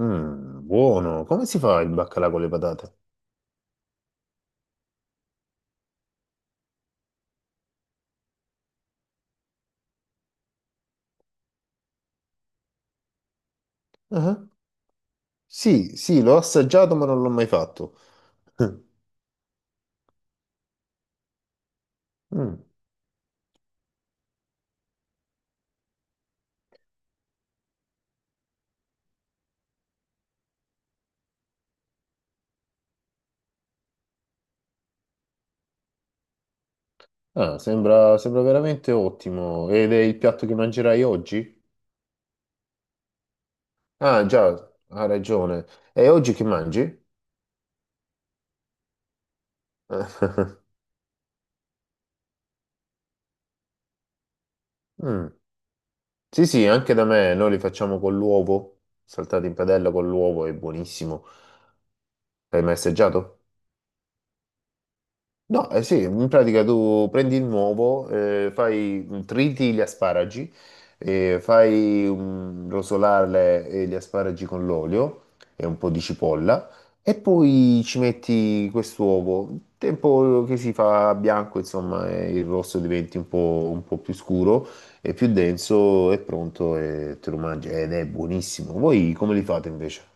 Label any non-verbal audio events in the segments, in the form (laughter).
Mm, buono. Come si fa il baccalà con le patate? Ah, sì, sì, l'ho assaggiato, ma non l'ho mai fatto. (laughs) Mm. Ah, sembra, sembra veramente ottimo. Ed è il piatto che mangerai oggi? Ah, già, ha ragione. E oggi che mangi? (laughs) Mm. Sì, sì, anche da me noi li facciamo con l'uovo, saltati in padella con l'uovo, è buonissimo. L'hai mai assaggiato? No, eh sì, in pratica tu prendi il nuovo, fai, triti gli asparagi, rosolare gli asparagi con l'olio e un po' di cipolla e poi ci metti quest'uovo. Il tempo che si fa bianco, insomma, il rosso diventi un po' più scuro e più denso, è pronto e te lo mangi ed è buonissimo. Voi come li fate invece?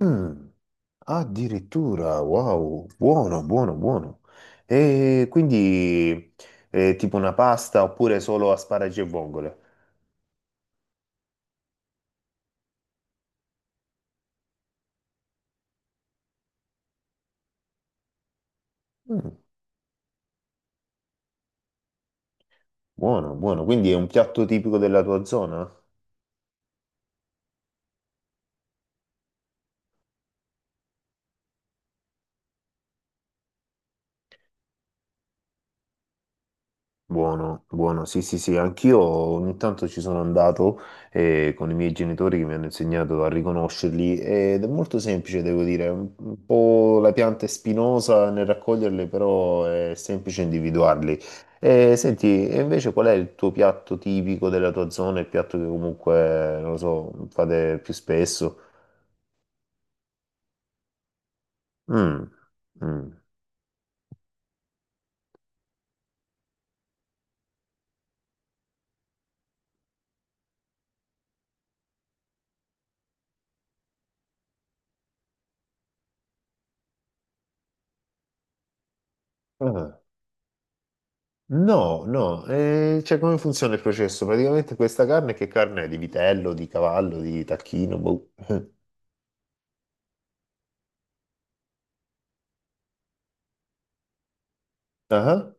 Mm, addirittura, wow, buono, buono, buono. E quindi tipo una pasta oppure solo asparagi e vongole? Mm, buono, buono. Quindi è un piatto tipico della tua zona? Buono, buono, sì, sì, sì, anch'io ogni tanto ci sono andato con i miei genitori che mi hanno insegnato a riconoscerli ed è molto semplice, devo dire, è un po' la pianta è spinosa nel raccoglierle, però è semplice individuarli. Senti, e invece qual è il tuo piatto tipico della tua zona, il piatto che comunque, non lo so, fate più spesso? Mm, mm. Ah. No, no, cioè come funziona il processo? Praticamente questa carne che carne è? Di vitello, di cavallo, di tacchino, boh. Ah,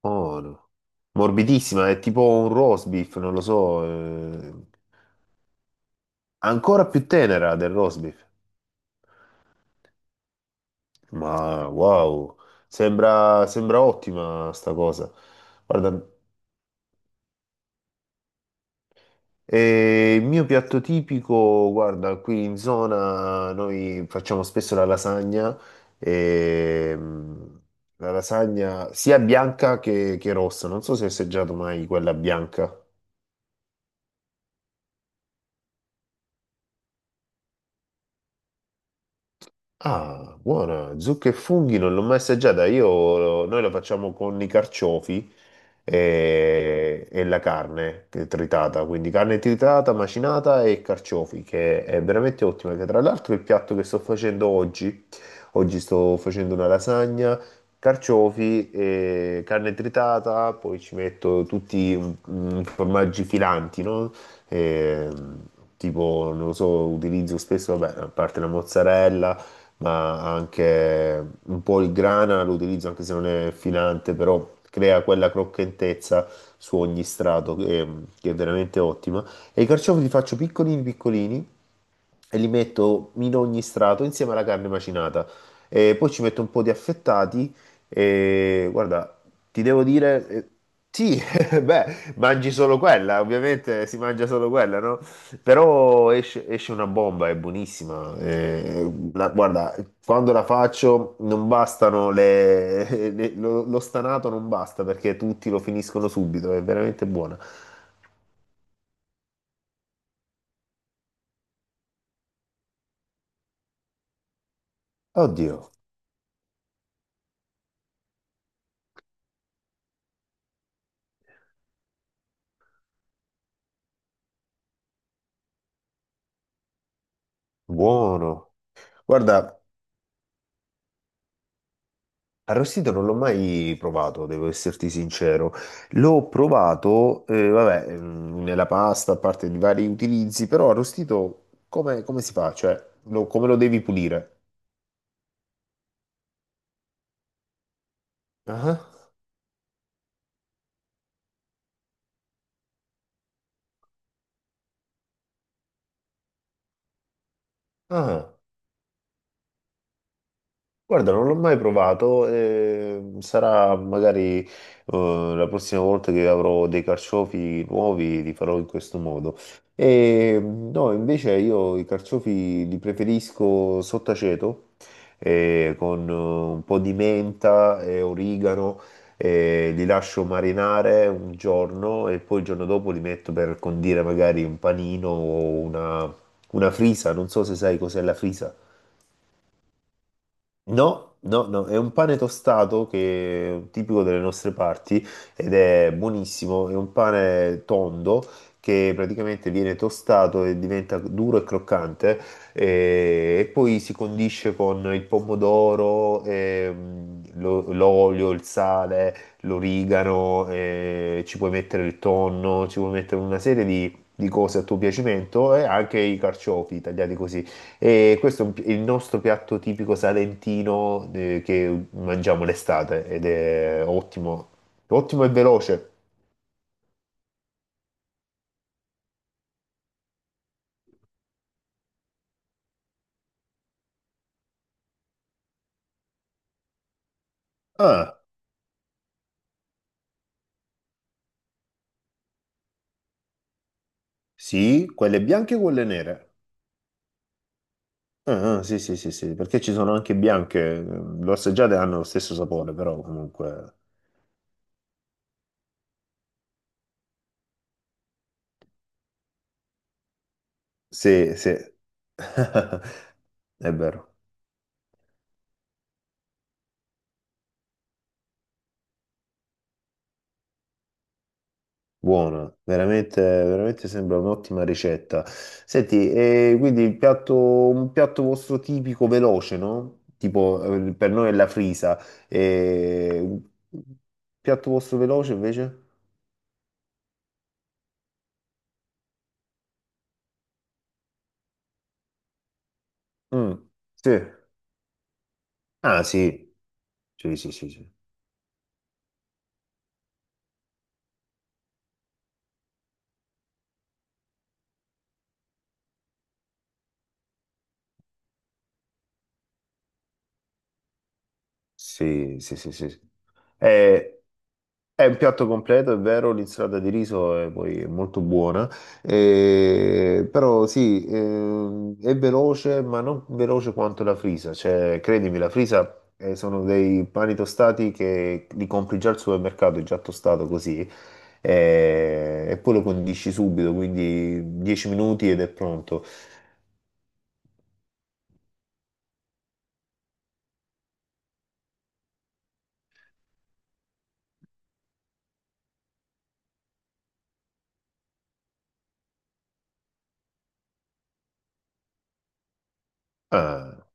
buono. Morbidissima, è tipo un roast beef, non lo so, ancora più tenera del roast beef. Ma wow, sembra, sembra ottima sta cosa. Guarda, e il mio piatto tipico, guarda, qui in zona noi facciamo spesso la lasagna, e, la lasagna sia bianca che rossa, non so se hai assaggiato mai quella bianca. Ah, buona, zucche e funghi non l'ho mai assaggiata. Io, noi lo facciamo con i carciofi e la carne che è tritata, quindi carne tritata, macinata e carciofi, che è veramente ottima. Che tra l'altro è il piatto che sto facendo oggi, oggi sto facendo una lasagna, carciofi e carne tritata, poi ci metto tutti formaggi filanti, no? E, tipo, non lo so, utilizzo spesso, vabbè, a parte la mozzarella ma anche un po' il grana lo utilizzo anche se non è filante, però crea quella croccantezza su ogni strato che è veramente ottima. E i carciofi li faccio piccolini piccolini e li metto in ogni strato insieme alla carne macinata. E poi ci metto un po' di affettati e guarda, ti devo dire, sì, (laughs) beh, mangi solo quella, ovviamente si mangia solo quella, no? Però esce, esce una bomba, è buonissima. La- guarda, quando la faccio non bastano le, (laughs) le- lo, lo stanato non basta perché tutti lo finiscono subito, è veramente buona. Oddio, buono. Guarda, arrostito non l'ho mai provato, devo esserti sincero. L'ho provato, vabbè, nella pasta, a parte di vari utilizzi, però arrostito come, come si fa? Cioè, lo- come lo devi pulire? Ah, ah. Guarda, non l'ho mai provato, sarà magari la prossima volta che avrò dei carciofi nuovi li farò in questo modo. E, no, invece io i carciofi li preferisco sott'aceto, con un po' di menta e origano, li lascio marinare un giorno e poi il giorno dopo li metto per condire magari un panino o una frisa, non so se sai cos'è la frisa. No, no, no, è un pane tostato che è un tipico delle nostre parti ed è buonissimo, è un pane tondo che praticamente viene tostato e diventa duro e croccante e, poi si condisce con il pomodoro, lo- l'olio, il sale, l'origano, ci puoi mettere il tonno, ci puoi mettere una serie di cose a tuo piacimento e anche i carciofi tagliati così. E questo è un pi- il nostro piatto tipico salentino che mangiamo l'estate ed è ottimo, ottimo e veloce. Ah, sì, quelle bianche e quelle nere. Ah, ah, sì, sì, sì, sì, perché ci sono anche bianche, l'ho assaggiate e hanno lo stesso sapore, però comunque... Sì, sì, (laughs) è vero. Buona, veramente, veramente sembra un'ottima ricetta. Senti, e quindi il piatto, un piatto vostro tipico veloce, no? Tipo, per noi è la frisa. E... un piatto vostro veloce invece? Mm, sì. Ah, sì, sì, sì, sì. Sì. Sì, sì, sì, sì. Sì. È, è un piatto completo, è vero, l'insalata di riso è poi è molto buona, però sì, è veloce, ma non veloce quanto la frisa. Cioè, credimi, la frisa sono dei pani tostati che li compri già al supermercato, è già tostato così, e poi lo condisci subito, quindi 10 minuti ed è pronto. Ah,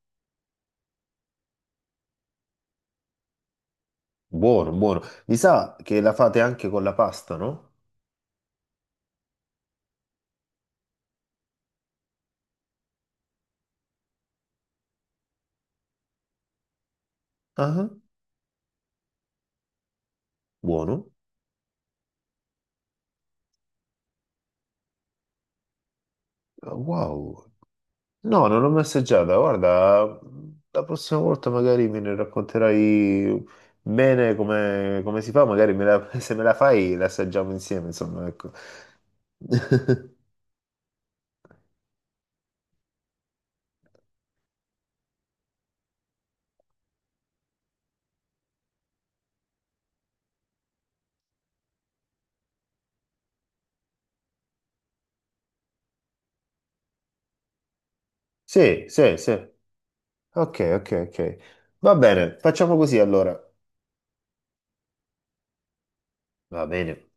buono, buono. Mi sa che la fate anche con la pasta, no? Ah. Buono. Wow. No, non l'ho mai assaggiata. Guarda, la prossima volta magari me ne racconterai bene come, come si fa. Magari me la- (laughs) se me la fai, la assaggiamo insieme. Insomma, ecco. (laughs) Sì, sì, sì. Ok, ok, ok. Va bene, facciamo così allora. Va bene.